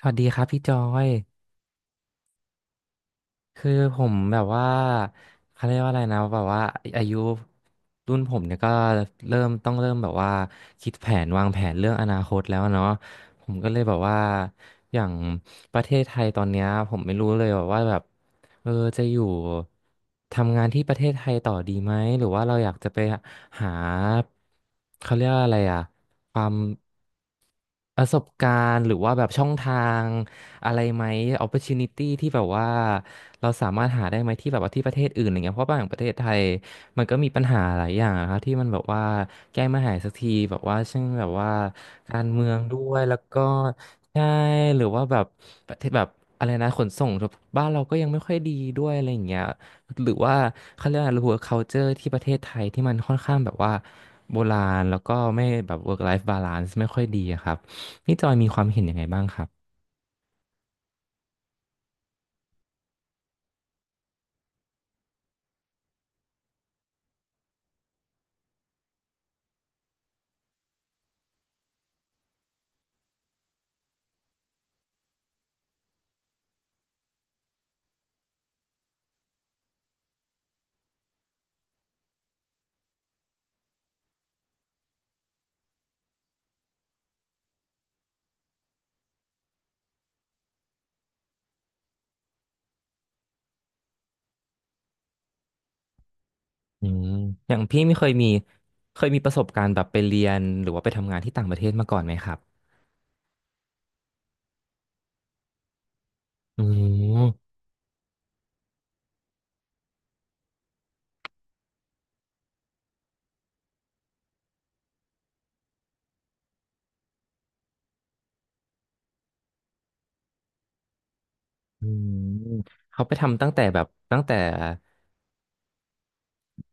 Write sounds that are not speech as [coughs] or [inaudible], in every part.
สวัสดีครับพี่จอยคือผมแบบว่าเขาเรียกว่าอะไรนะแบบว่าอายุรุ่นผมเนี่ยก็เริ่มแบบว่าคิดแผนวางแผนเรื่องอนาคตแล้วเนาะผมก็เลยแบบว่าอย่างประเทศไทยตอนเนี้ยผมไม่รู้เลยแบบว่าแบบเออจะอยู่ทำงานที่ประเทศไทยต่อดีไหมหรือว่าเราอยากจะไปหาเขาเรียกว่าอะไรอะความประสบการณ์หรือว่าแบบช่องทาง อะไรไหม opportunity ที่แบบว่าเราสามารถหาได้ไหมที่แบบว่าที่ประเทศอื่นอย่ารเงี้ยเพราะบางประเทศไทยมันก็มีปัญหาหลายอย่างอะครับที่มันแบบว่าแก้ไม่หายสักทีแบบว่าเช่นแบบว่าการเมืองด้วยแล้วก็ใช่หรือว่าแบบประเทศแบบอะไรนะขนส่งบ้านเราก็ยังไม่ค่อยดีด้วยอะไรอย่างเงี้ยหรือว่าเขาเรียกอะไร work culture ที่ประเทศไทยที่มันค่อนข้างแบบว่าโบราณแล้วก็ไม่แบบ work life balance ไม่ค่อยดีอะครับนี่จอยมีความเห็นยังไงบ้างครับ อืมอย่างพี่ไม่เคยมีประสบการณ์แบบไปเรียนหรือว่าไปทำงานที่ต่างประเทศมาก่อนไหมครับอืมอืมเขาไปทำตั้งแต่แบบตั้งแต่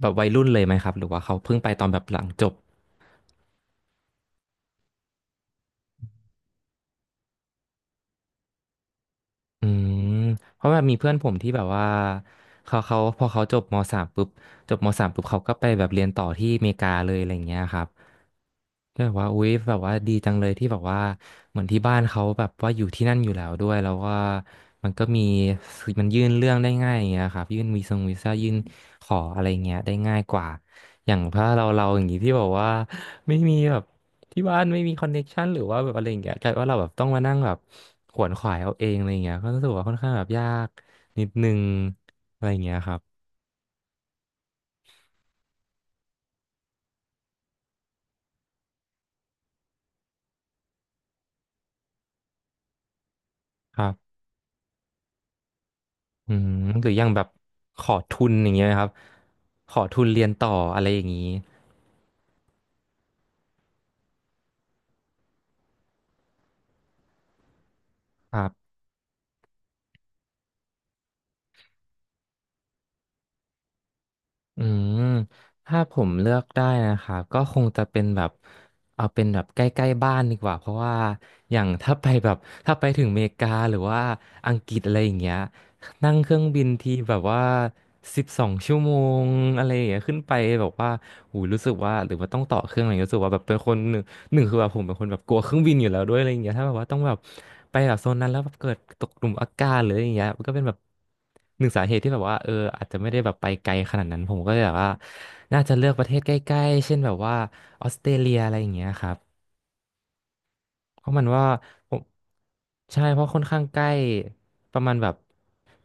แบบวัยรุ่นเลยไหมครับหรือว่าเขาเพิ่งไปตอนแบบหลังจบ อืมเพราะแบบมีเพื่อนผมที่แบบว่าเขาพอเขาจบมสามปุ๊บเขาก็ไปแบบเรียนต่อที่อเมริกาเลยอะไรอย่างเงี้ยครับก็แบบว่าอุ๊ยแบบว่าดีจังเลยที่แบบว่าเหมือนที่บ้านเขาแบบว่าอยู่ที่นั่นอยู่แล้วด้วยแล้วว่ามันก็มีมันยื่นเรื่องได้ง่ายอย่างเงี้ยครับยื่นวีซ่ายื่นขออะไรเงี้ยได้ง่ายกว่าอย่างถ้าเราอย่างงี้ที่แบบว่าไม่มีแบบ ที่บ้านไม่มีคอนเน็กชันหรือว่าแบบอะไรอย่างเงี้ยกลายว่าเราแบบต้องมานั่งแบบขวนขวายเอาเองอะไรอย่างเงี้ยก็รู้สึกว่าค่อนข้างแบบยากนิดนึงอะไรอย่างเงี้ยครับครับอืมหรืออย่างแบบขอทุนอย่างเงี้ยครับขอทุนเรียนต่ออะไรอย่างงี้ครับอืมถ้าผมเลือกได้นะครับ ก็คงจะเป็นแบบเอาเป็นแบบใกล้ๆบ้านดีกว่า เพราะว่าอย่างถ้าไปแบบถ้าไปถึงอเมริกาหรือว่าอังกฤษอะไรอย่างเงี้ย นั่งเครื่องบินทีแบบว่า12 ชั่วโมงอะไรอย่างเงี้ยขึ้นไปแบบว่าหูรู้สึกว่าหรือว่าต้องต่อเครื่องอะไรรู้สึกว่าแบบเป็นคนหนึ่งหนึ่งคือแบบผมเป็นคนแบบกลัวเครื่องบินอยู่แล้วด้วยอะไรอย่างเงี้ยถ้าแบบว่าต้องแบบไปแบบโซนนั้นแล้วแบบเกิดตกหลุมอากาศหรืออะไรอย่างเงี้ยมันก็เป็นแบบหนึ่งสาเหตุที่แบบว่าอาจจะไม่ได้แบบไปไกลขนาดนั้นผมก็เลยแบบว่าน่าจะเลือกประเทศใกล้ๆเช่นแบบว่าออสเตรเลียอะไรอย่างเงี้ยครับ เพราะมันว่าผมใช่เพราะค่อนข้างใกล้ประมาณแบบ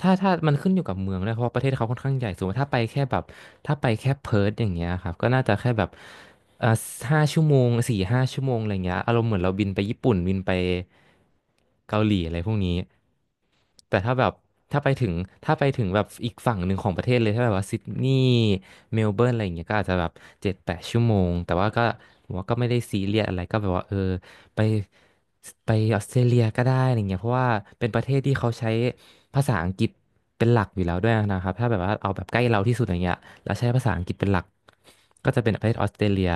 ถ้ามันขึ้นอยู่กับเมืองด้วยเพราะว่าประเทศเขาค่อนข้างใหญ่สมมติถ้าไปแค่แบบถ้าไปแค่เพิร์ทอย่างเงี้ยครับก็น่าจะแค่แบบเอ่อห้าชั่วโมง4-5 ชั่วโมงอะไรเงี้ยอารมณ์เหมือนเราบินไปญี่ปุ่นบินไปเกาหลีอะไรพวกนี้แต่ถ้าแบบถ้าไปถึงถ้าไปถึงแบบอีกฝั่งหนึ่งของประเทศเลยถ้าแบบว่าซิดนีย์เมลเบิร์นอะไรอย่างเงี้ยก็อาจจะแบบ7-8 ชั่วโมงแต่ว่าก็ผมว่าก็ไม่ได้ซีเรียสอะไรก็แบบว่าไปไปออสเตรเลียก็ได้อะไรเงี้ยเพราะว่าเป็นประเทศที่เขาใช้ภาษาอังกฤษเป็นหลักอยู่แล้วด้วยนะครับถ้าแบบว่าเอาแบบใกล้เราที่สุดอย่างเงี้ยแล้วใช้ภาษาอังกฤษเป็นหลักก็จะเป็นประเทศออสเตรเลีย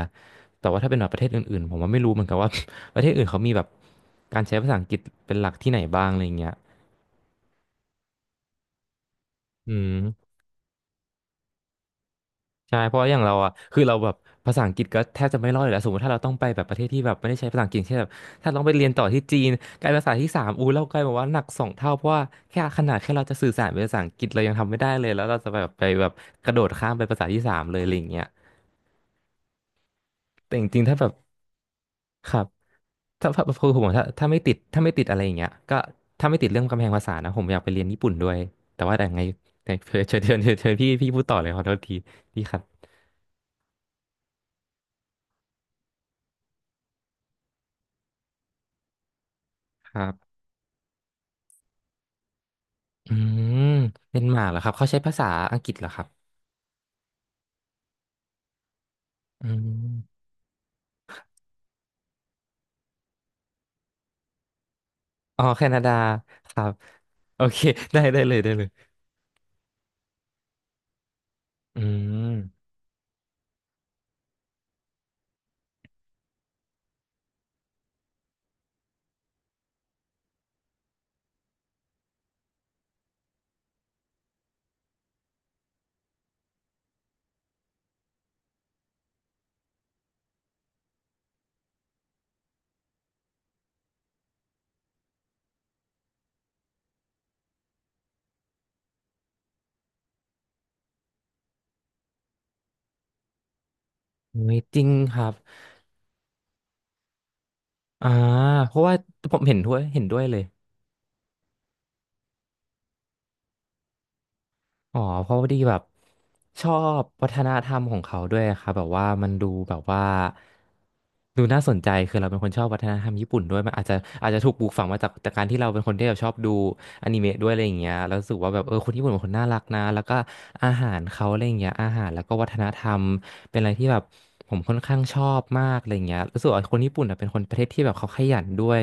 แต่ว่าถ้าเป็นแบบประเทศอื่นๆผมว่าไม่รู้เหมือนกันว่า [laughs] ประเทศอื่นเขามีแบบการใช้ภาษาอังกฤษเป็นหลักที่ไหนบ้างอะไรเงี้ยอืม ใช่เพราะว่าอย่างเราอ่ะคือเราแบบภาษาอังกฤษก็แทบจะไม่รอดอยู่แล้วสมมติถ้าเราต้องไปแบบประเทศที่แบบไม่ได้ใช้ภาษาอังกฤษเช่นแบบถ้าต้องไปเรียนต่อที่จีนกลายเป็นภาษาที่สามเรากลายแบบว่าหนักสองเท่าเพราะว่าแค่ขนาดแค่เราจะสื่อสารเป็นภาษาอังกฤษเรายังทำไม่ได้เลยแล้วเราจะแบบไปแบบกระโดดข้ามไปภาษาที่สามเลยอะไรอย่างเงี้ยแต่จริงๆถ้าแบบครับถ้าแบบคือผมบอกถ้าไม่ติดอะไรอย่างเงี้ยก็ถ้าไม่ติดเรื่องกำแพงภาษานะผมอยากไปเรียนญี่ปุ่นด้วยแต่ว่าแต่ไงแต่เชิญพี่พูดต่อเลยขอโทษทีพี่ครับครับ อืมเป็นหมากเหรอครับ เขาใช้ภาษาอังกฤษเหรอครับอืมอ๋อแคนาดาครับ โอเค [laughs] ได้เลย อืมเฮ้ยจริงครับ อ่า เพราะว่าผมเห็นด้วยเลย อ๋อเพราะพอดีแบบชอบวัฒนธรรมของเขาด้วยครับแบบว่ามันดูแบบว่าดูน่าสนใจคือเราเป็นคนชอบวัฒนธรรมญี่ปุ่นด้วยมันอาจจะถูกปลูกฝังมาจากการที่เราเป็นคนที่แบบชอบดูอนิเมะด้วยอะไรอย่างเงี้ยแล้วรู้สึกว่าแบบเออคนญี่ปุ่นเป็นคนน่ารักนะแล้วก็อาหารเขาอะไรอย่างเงี้ยอาหารแล้วก็วัฒนธรรมเป็นอะไรที่แบบผมค่อนข้างชอบมากอะไรอย่างเงี้ยรู้สึกว่าคนญี่ปุ่นอะเป็นคนประเทศที่แบบเขาขยันด้วย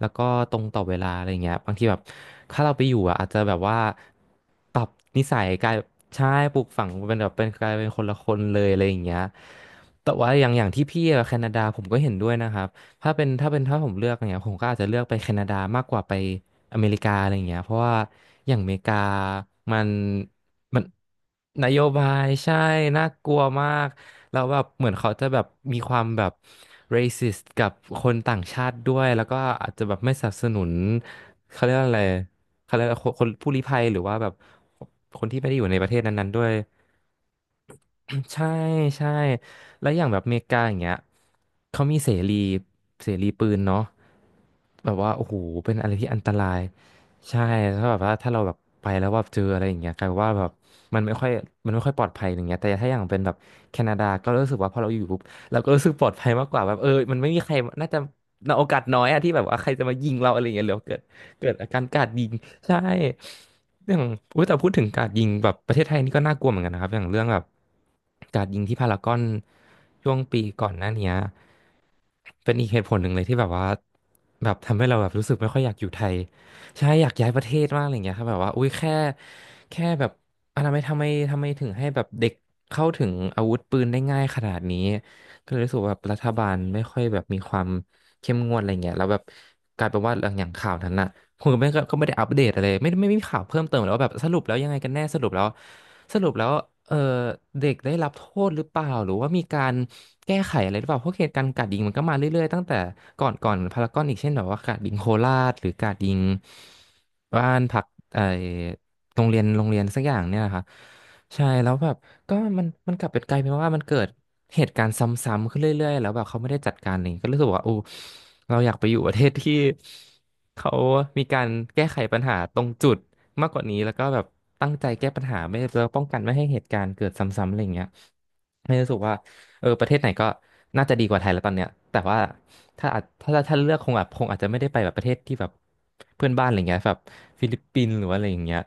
แล้วก็ตรงต่อเวลาอะไรเงี้ยบางทีแบบถ้าเราไปอยู่อะอาจจะแบบว่าปรับนิสัยกลายใช่ปลูกฝังเป็นแบบเป็นกลายเป็นคนละคนเลยอะไรอย่างเงี้ยแต่ว่าอย่างที่พี่อะแคนาดาผมก็เห็นด้วยนะครับถ้าผมเลือกเนี่ยผมก็อาจจะเลือกไปแคนาดามากกว่าไปอเมริกาอะไรอย่างเงี้ยเพราะว่าอย่างอเมริกามัน มันนโยบายใช่น่ากลัวมากแล้วแบบเหมือนเขาจะแบบมีความแบบ racist กับคนต่างชาติด้วยแล้วก็อาจจะแบบไม่สนับสนุนเขาเรียกว่าอะไรเขาเรียกว่าคนผู้ลี้ภัยหรือว่าแบบคนที่ไม่ได้อยู่ในประเทศนั้นๆด้วย ใช่ใช่แล้วอย่างแบบอเมริกาอย่างเงี้ยเขามีเสรีปืนเนาะแบบว่าโอ้โหเป็นอะไรที่อันตรายใช่ถ้าแบบว่าถ้าเราแบบไปแล้วแบบเจออะไรอย่างเงี้ยกลายเป็นว่าแบบมันไม่ค่อยมันไม่ค่อยปลอดภัยอย่างเงี้ยแต่ถ้าอย่างเป็นแบบแคนาดาก็รู้สึกว่าพอเราอยู่ปุ๊บเราก็รู้สึกปลอดภัยมากกว่าแบบเออมันไม่มีใครน่าจะโอกาสน้อยอะที่แบบว่าใครจะมายิงเราอะไรอย่างเงี้ยหรือเกิดอาการกราดยิงใช่อย่างอุ้ยแต่พูดถึงกราดยิงแบบประเทศไทยนี่ก็น่ากลัวเหมือนกันนะครับอย่างเรื่องแบบกราดยิงที่พารากอนช่วงปีก่อนหน้าเนี้ยเป็นอีกเหตุผลหนึ่งเลยที่แบบว่าแบบทำให้เราแบบรู้สึกไม่ค่อยอยากอยู่ไทยใช่อยากย้ายประเทศมากอะไรเงี้ยครับแบบว่าอุ้ยแค่แบบอะทำไมถึงให้แบบเด็กเข้าถึงอาวุธปืนได้ง่ายขนาดนี้ก็เลยรู้สึกว่าแบบรัฐบาลไม่ค่อยแบบมีความเข้มงวดอะไรเงี้ยแล้วแบบกลายเป็นว่าอย่างข่าวนั้นน่ะ คุณก็ไม่ได้อัปเดตอะไรไม่ไม่ไมมีข่าวเพิ่มเติมหรอกว่าแบบสรุปแล้วยังไงกันแน่สรุปแล้วสรุปแล้วเออเด็กได้รับโทษหรือเปล่าหรือว่ามีการแก้ไขอะไรหรือเปล่าเพราะเหตุการณ์กราดยิงมันก็มาเรื่อยๆตั้งแต่ก่อนพารากอนอีกเช่นแบบว่ากราดยิงโคราชหรือกราดยิงบ้านพักไอโรงเรียนสักอย่างเนี่ยนะคะใช่แล้วแบบก็มันกลับเป็นกลายเป็นว่ามันเกิดเหตุการณ์ซ้ำๆขึ้นเรื่อยๆแล้วแบบเขาไม่ได้จัดการอะไรอย่างเงี้ยก็รู้สึกว่าโอ้เราอยากไปอยู่ประเทศที่ เขามีการแก้ไขปัญหาตรงจุดมากกว่านี้แล้วก็แบบตั้งใจแก้ปัญหาไม่แล้วป้องกันไม่ให้เหตุการณ์เกิดซ้ำๆอะไรอย่างเงี้ยไม่รู้สึกว่าเออประเทศไหนก็น่าจะดีกว่าไทยแล้วตอนเนี้ยแต่ว่าถ้าอาจถ้าถ้าเลือกคงแบบคงอาจจะไม่ได้ไปแบบประเทศที่แบบเพื่อนบ้านอะไรเงี้ยแบบฟิลิปปินส์หรือว่าอะไรอย่างเงี้ย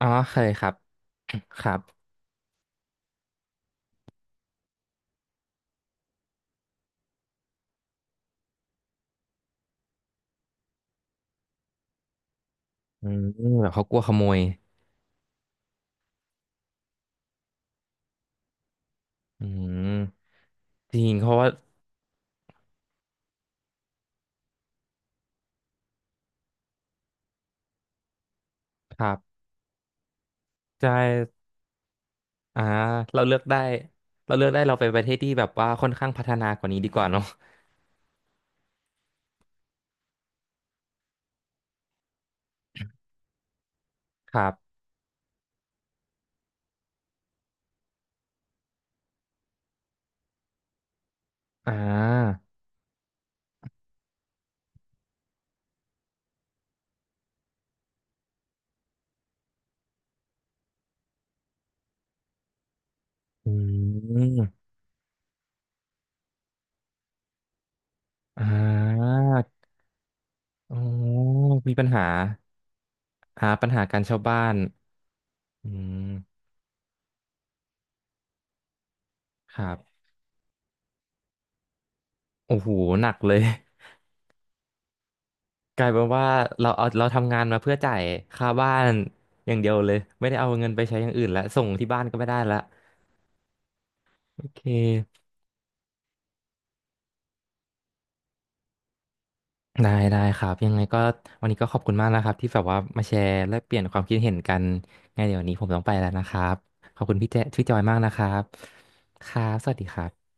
อ๋อเคยครับ [coughs] ครับอืมแบบเขากลัวขโมยอืมจริงเพราะว่าครับใช่ อ่าเราเลือกได้เราเลือกได้เราไปประเทศที่แบบว่าค่อนข้างพัฒนากว่านี้ดีกว่าเนาะครับอ่าอืมอ่าอ๋อมีปัญหาอ่าปัญหาการเช่าบ้านอืมครับโอ้โหหนักเลย [laughs] กลายเป็นว่าเราทำงานมาเพื่อจ่ายค่าบ้านอย่างเดียวเลยไม่ได้เอาเงินไปใช้อย่างอื่นแล้วส่งที่บ้านก็ไม่ได้ละโอเค ได้ครับยังไงก็วันนี้ก็ขอบคุณมากนะครับที่แบบว่ามาแชร์และเปลี่ยนความคิดเห็นกันไงเดี๋ยววันนี้ผมต้องไปแล้วนะครับขอบคุณพี่แจพี่จอยมากนะครับครับสวัสดีครับ